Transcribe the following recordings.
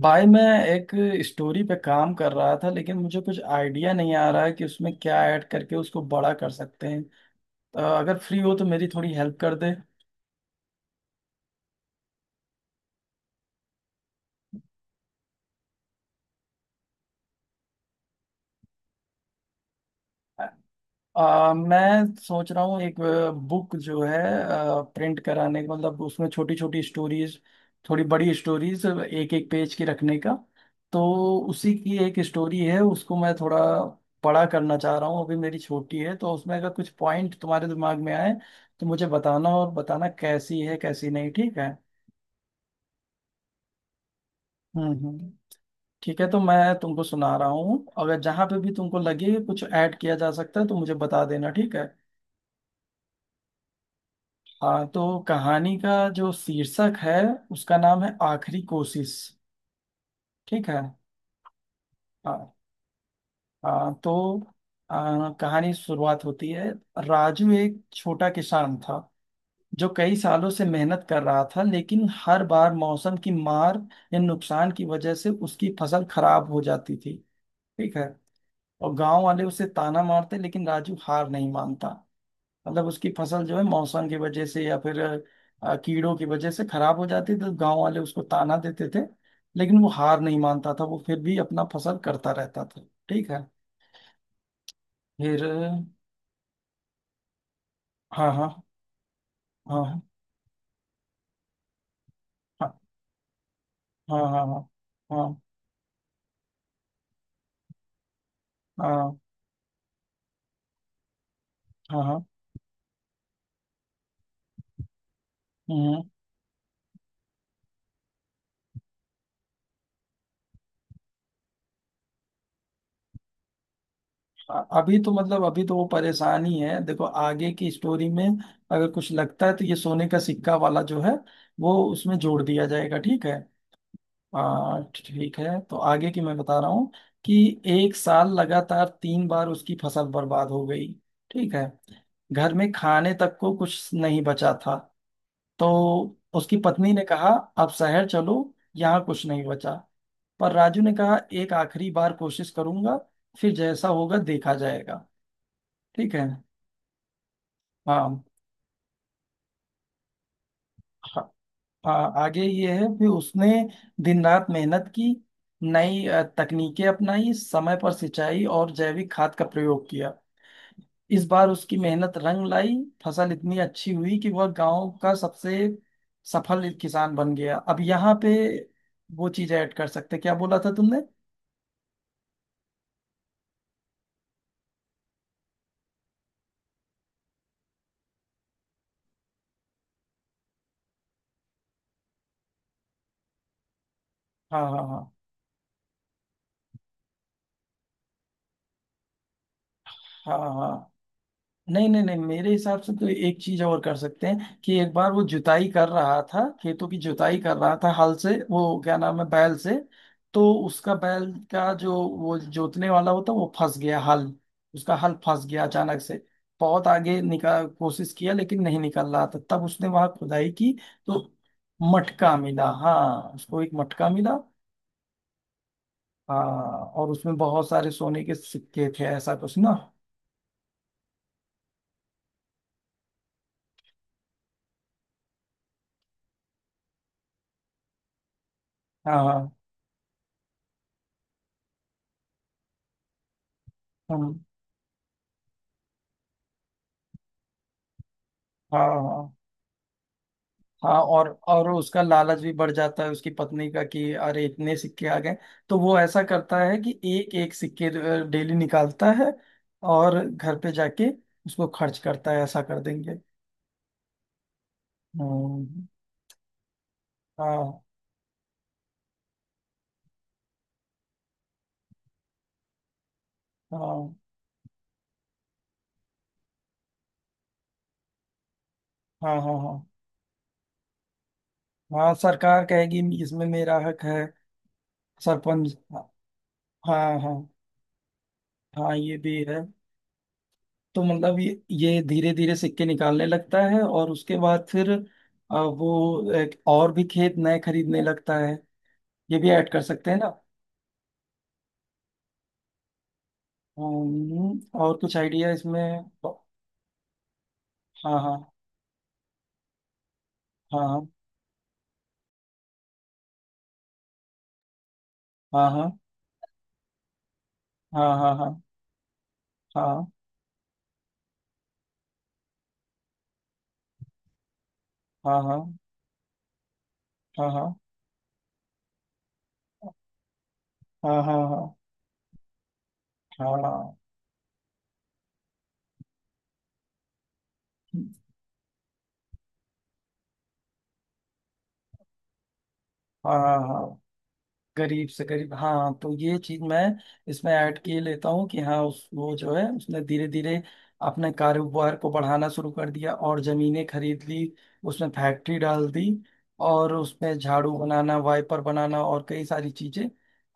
भाई, मैं एक स्टोरी पे काम कर रहा था लेकिन मुझे कुछ आइडिया नहीं आ रहा है कि उसमें क्या ऐड करके उसको बड़ा कर सकते हैं। तो अगर फ्री हो तो मेरी थोड़ी हेल्प कर दे। मैं सोच रहा हूँ एक बुक जो है प्रिंट कराने का, मतलब उसमें छोटी छोटी स्टोरीज, थोड़ी बड़ी स्टोरीज एक एक पेज की रखने का। तो उसी की एक स्टोरी है, उसको मैं थोड़ा बड़ा करना चाह रहा हूँ। अभी मेरी छोटी है, तो उसमें अगर कुछ पॉइंट तुम्हारे दिमाग में आए तो मुझे बताना और बताना कैसी है कैसी नहीं। ठीक है। हम्म। हम्म। ठीक है, तो मैं तुमको सुना रहा हूँ। अगर जहाँ पे भी तुमको लगे कुछ ऐड किया जा सकता है तो मुझे बता देना। ठीक है। हाँ, तो कहानी का जो शीर्षक है उसका नाम है आखिरी कोशिश। ठीक है। हाँ। हाँ। तो कहानी शुरुआत होती है। राजू एक छोटा किसान था जो कई सालों से मेहनत कर रहा था, लेकिन हर बार मौसम की मार या नुकसान की वजह से उसकी फसल खराब हो जाती थी। ठीक है। और गांव वाले उसे ताना मारते, लेकिन राजू हार नहीं मानता। मतलब उसकी फसल जो है मौसम की वजह से या फिर कीड़ों की वजह से खराब हो जाती, तो गांव वाले उसको ताना देते थे। लेकिन वो हार नहीं मानता था, वो फिर भी अपना फसल करता रहता था। ठीक है। फिर हाँ। हाँ। हाँ। हाँ। हाँ। हाँ। हाँ। हाँ। हाँ। हाँ। हाँ। हम्म। अभी तो मतलब अभी तो वो परेशान ही है, देखो आगे की स्टोरी में। अगर कुछ लगता है तो ये सोने का सिक्का वाला जो है वो उसमें जोड़ दिया जाएगा। ठीक है। ठीक है, तो आगे की मैं बता रहा हूँ कि एक साल लगातार 3 बार उसकी फसल बर्बाद हो गई। ठीक है। घर में खाने तक को कुछ नहीं बचा था, तो उसकी पत्नी ने कहा, अब शहर चलो, यहाँ कुछ नहीं बचा। पर राजू ने कहा, एक आखिरी बार कोशिश करूंगा, फिर जैसा होगा देखा जाएगा। ठीक है। हाँ। हाँ, आगे ये है कि उसने दिन रात मेहनत की, नई तकनीकें अपनाई, समय पर सिंचाई और जैविक खाद का प्रयोग किया। इस बार उसकी मेहनत रंग लाई। फसल इतनी अच्छी हुई कि वह गांव का सबसे सफल किसान बन गया। अब यहाँ पे वो चीज ऐड कर सकते, क्या बोला था तुमने? हाँ। हाँ। हाँ। हाँ। हाँ। हाँ। नहीं, नहीं, नहीं, मेरे हिसाब से तो एक चीज और कर सकते हैं कि एक बार वो जुताई कर रहा था, खेतों की जुताई कर रहा था, हल से, वो क्या नाम है, बैल से। तो उसका बैल का जो वो जोतने वाला होता वो फंस गया, हल, उसका हल फंस गया अचानक से। बहुत आगे निकाल कोशिश किया लेकिन नहीं निकल रहा था, तब उसने वहां खुदाई की। तो मटका मिला। हाँ, उसको एक मटका मिला। हाँ, और उसमें बहुत सारे सोने के सिक्के थे, ऐसा कुछ ना। हाँ। हाँ। हम्म। हाँ। हाँ। हाँ। और उसका लालच भी बढ़ जाता है उसकी पत्नी का, कि अरे इतने सिक्के आ गए। तो वो ऐसा करता है कि एक एक सिक्के डेली निकालता है, और घर पे जाके उसको खर्च करता है, ऐसा कर देंगे। हम्म। हाँ। हाँ। हाँ। हाँ। हाँ। हाँ। सरकार कहेगी इसमें मेरा हक है। सरपंच। हाँ। हाँ। हाँ। हाँ, ये भी है। तो मतलब ये धीरे धीरे सिक्के निकालने लगता है, और उसके बाद फिर वो एक और भी खेत नए खरीदने लगता है। ये भी ऐड कर सकते हैं ना। हम्म। और कुछ आइडिया इसमें? हाँ। हाँ। हाँ। हाँ। हाँ। हाँ। हाँ। हाँ। हाँ। हाँ। हाँ। हाँ। हाँ। हाँ। हाँ। हाँ। हाँ। हाँ। हाँ। हाँ। हाँ। हाँ। गरीब से गरीब। हाँ, तो ये चीज मैं इसमें ऐड किए लेता हूँ कि हाँ, उस वो जो है उसने धीरे धीरे अपने कारोबार को बढ़ाना शुरू कर दिया और जमीनें खरीद ली। उसमें फैक्ट्री डाल दी, और उसमें झाड़ू बनाना, वाइपर बनाना और कई सारी चीजें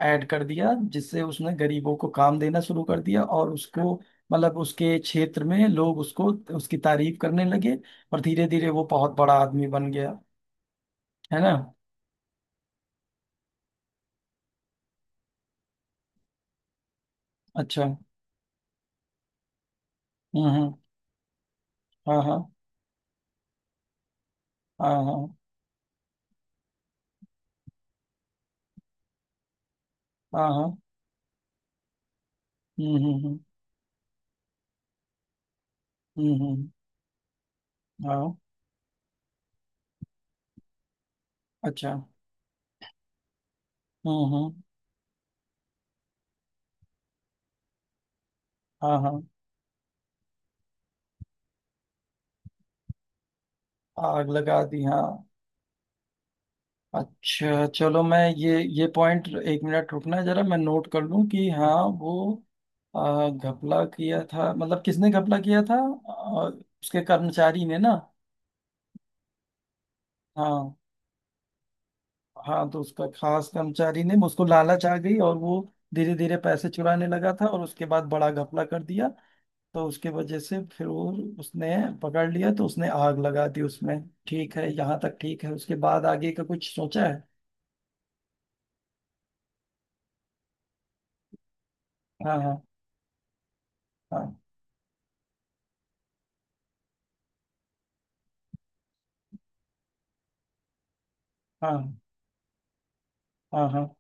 ऐड कर दिया, जिससे उसने गरीबों को काम देना शुरू कर दिया, और उसको, मतलब उसके क्षेत्र में लोग उसको उसकी तारीफ करने लगे। और धीरे धीरे वो बहुत बड़ा आदमी बन गया। है ना। अच्छा। हम्म। हम्म। हाँ। हाँ। हाँ। हाँ। हाँ। हाँ। हम्म। हम्म। हम्म। हम्म। हम्म। हाँ। अच्छा। हम्म। हम्म। हाँ। हाँ, आग लगा दी। हाँ। अच्छा चलो, मैं ये पॉइंट 1 मिनट रुकना, जरा मैं नोट कर लूं कि हाँ, वो घपला किया था, मतलब किसने घपला किया था? उसके कर्मचारी ने ना। हाँ। हाँ, तो उसका खास कर्मचारी ने, उसको लालच आ गई और वो धीरे धीरे पैसे चुराने लगा था और उसके बाद बड़ा घपला कर दिया। तो उसके वजह से फिर वो, उसने पकड़ लिया तो उसने आग लगा दी उसमें। ठीक है, यहाँ तक ठीक है। उसके बाद आगे का कुछ सोचा है? हाँ। हाँ। हाँ। हाँ। हाँ। हाँ।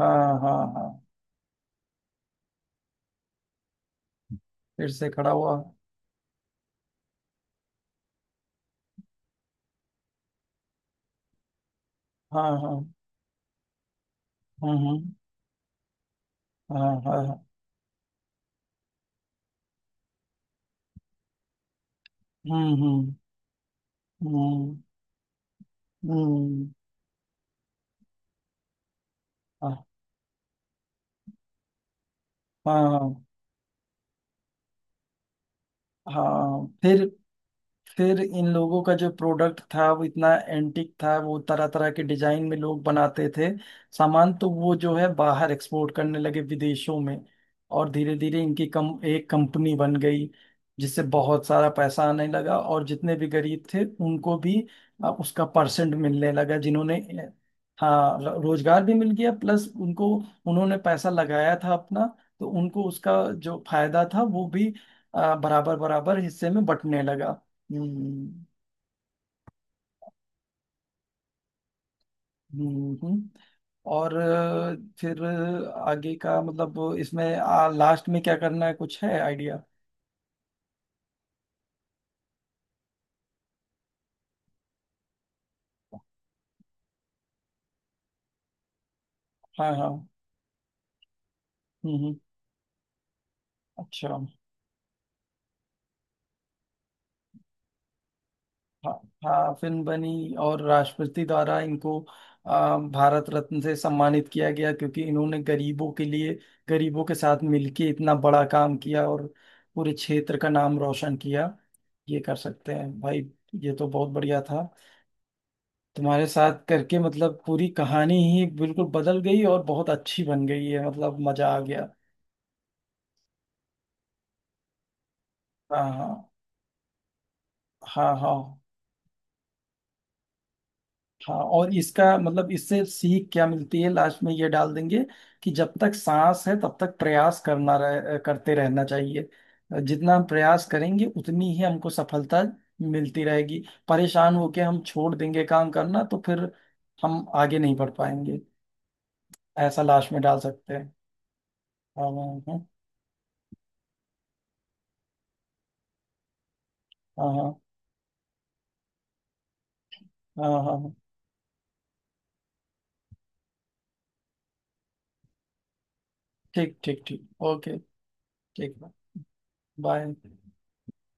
हाँ। हाँ। हाँ। फिर से खड़ा हुआ। हाँ। हाँ। हम्म। हम्म। हाँ। हाँ। हाँ। हम्म। हम्म। हम्म। हम्म। हाँ। हाँ। हाँ। फिर इन लोगों का जो प्रोडक्ट था वो इतना एंटिक था, वो तरह तरह के डिजाइन में लोग बनाते थे। सामान तो वो जो है बाहर एक्सपोर्ट करने लगे विदेशों में। और धीरे धीरे इनकी कम एक कंपनी बन गई, जिससे बहुत सारा पैसा आने लगा, और जितने भी गरीब थे उनको भी उसका परसेंट मिलने लगा, जिन्होंने हाँ, रोजगार भी मिल गया, प्लस उनको, उन्होंने पैसा लगाया था अपना, तो उनको उसका जो फायदा था वो भी बराबर बराबर हिस्से में बंटने लगा। हम्म। हम्म। हम्म। और फिर आगे का मतलब इसमें लास्ट में क्या करना है, कुछ है आइडिया? हाँ। हाँ। हम्म। हम्म। अच्छा। हाँ। हाँ, फिल्म बनी और राष्ट्रपति द्वारा इनको भारत रत्न से सम्मानित किया गया क्योंकि इन्होंने गरीबों के लिए, गरीबों के साथ मिलके इतना बड़ा काम किया और पूरे क्षेत्र का नाम रोशन किया। ये कर सकते हैं भाई। ये तो बहुत बढ़िया था, तुम्हारे साथ करके मतलब पूरी कहानी ही बिल्कुल बदल गई और बहुत अच्छी बन गई है, मतलब मजा आ गया। हाँ। हाँ। हाँ। हाँ। हाँ। और इसका मतलब इससे सीख क्या मिलती है लास्ट में ये डाल देंगे, कि जब तक सांस है तब तक प्रयास करना करते रहना चाहिए। जितना हम प्रयास करेंगे उतनी ही हमको सफलता मिलती रहेगी। परेशान होके हम छोड़ देंगे काम करना तो फिर हम आगे नहीं बढ़ पाएंगे। ऐसा लास्ट में डाल सकते हैं। हाँ। हाँ। हाँ। हाँ। हाँ। हाँ। हाँ। हाँ। ठीक। ठीक। ठीक। ओके। ठीक। बाय।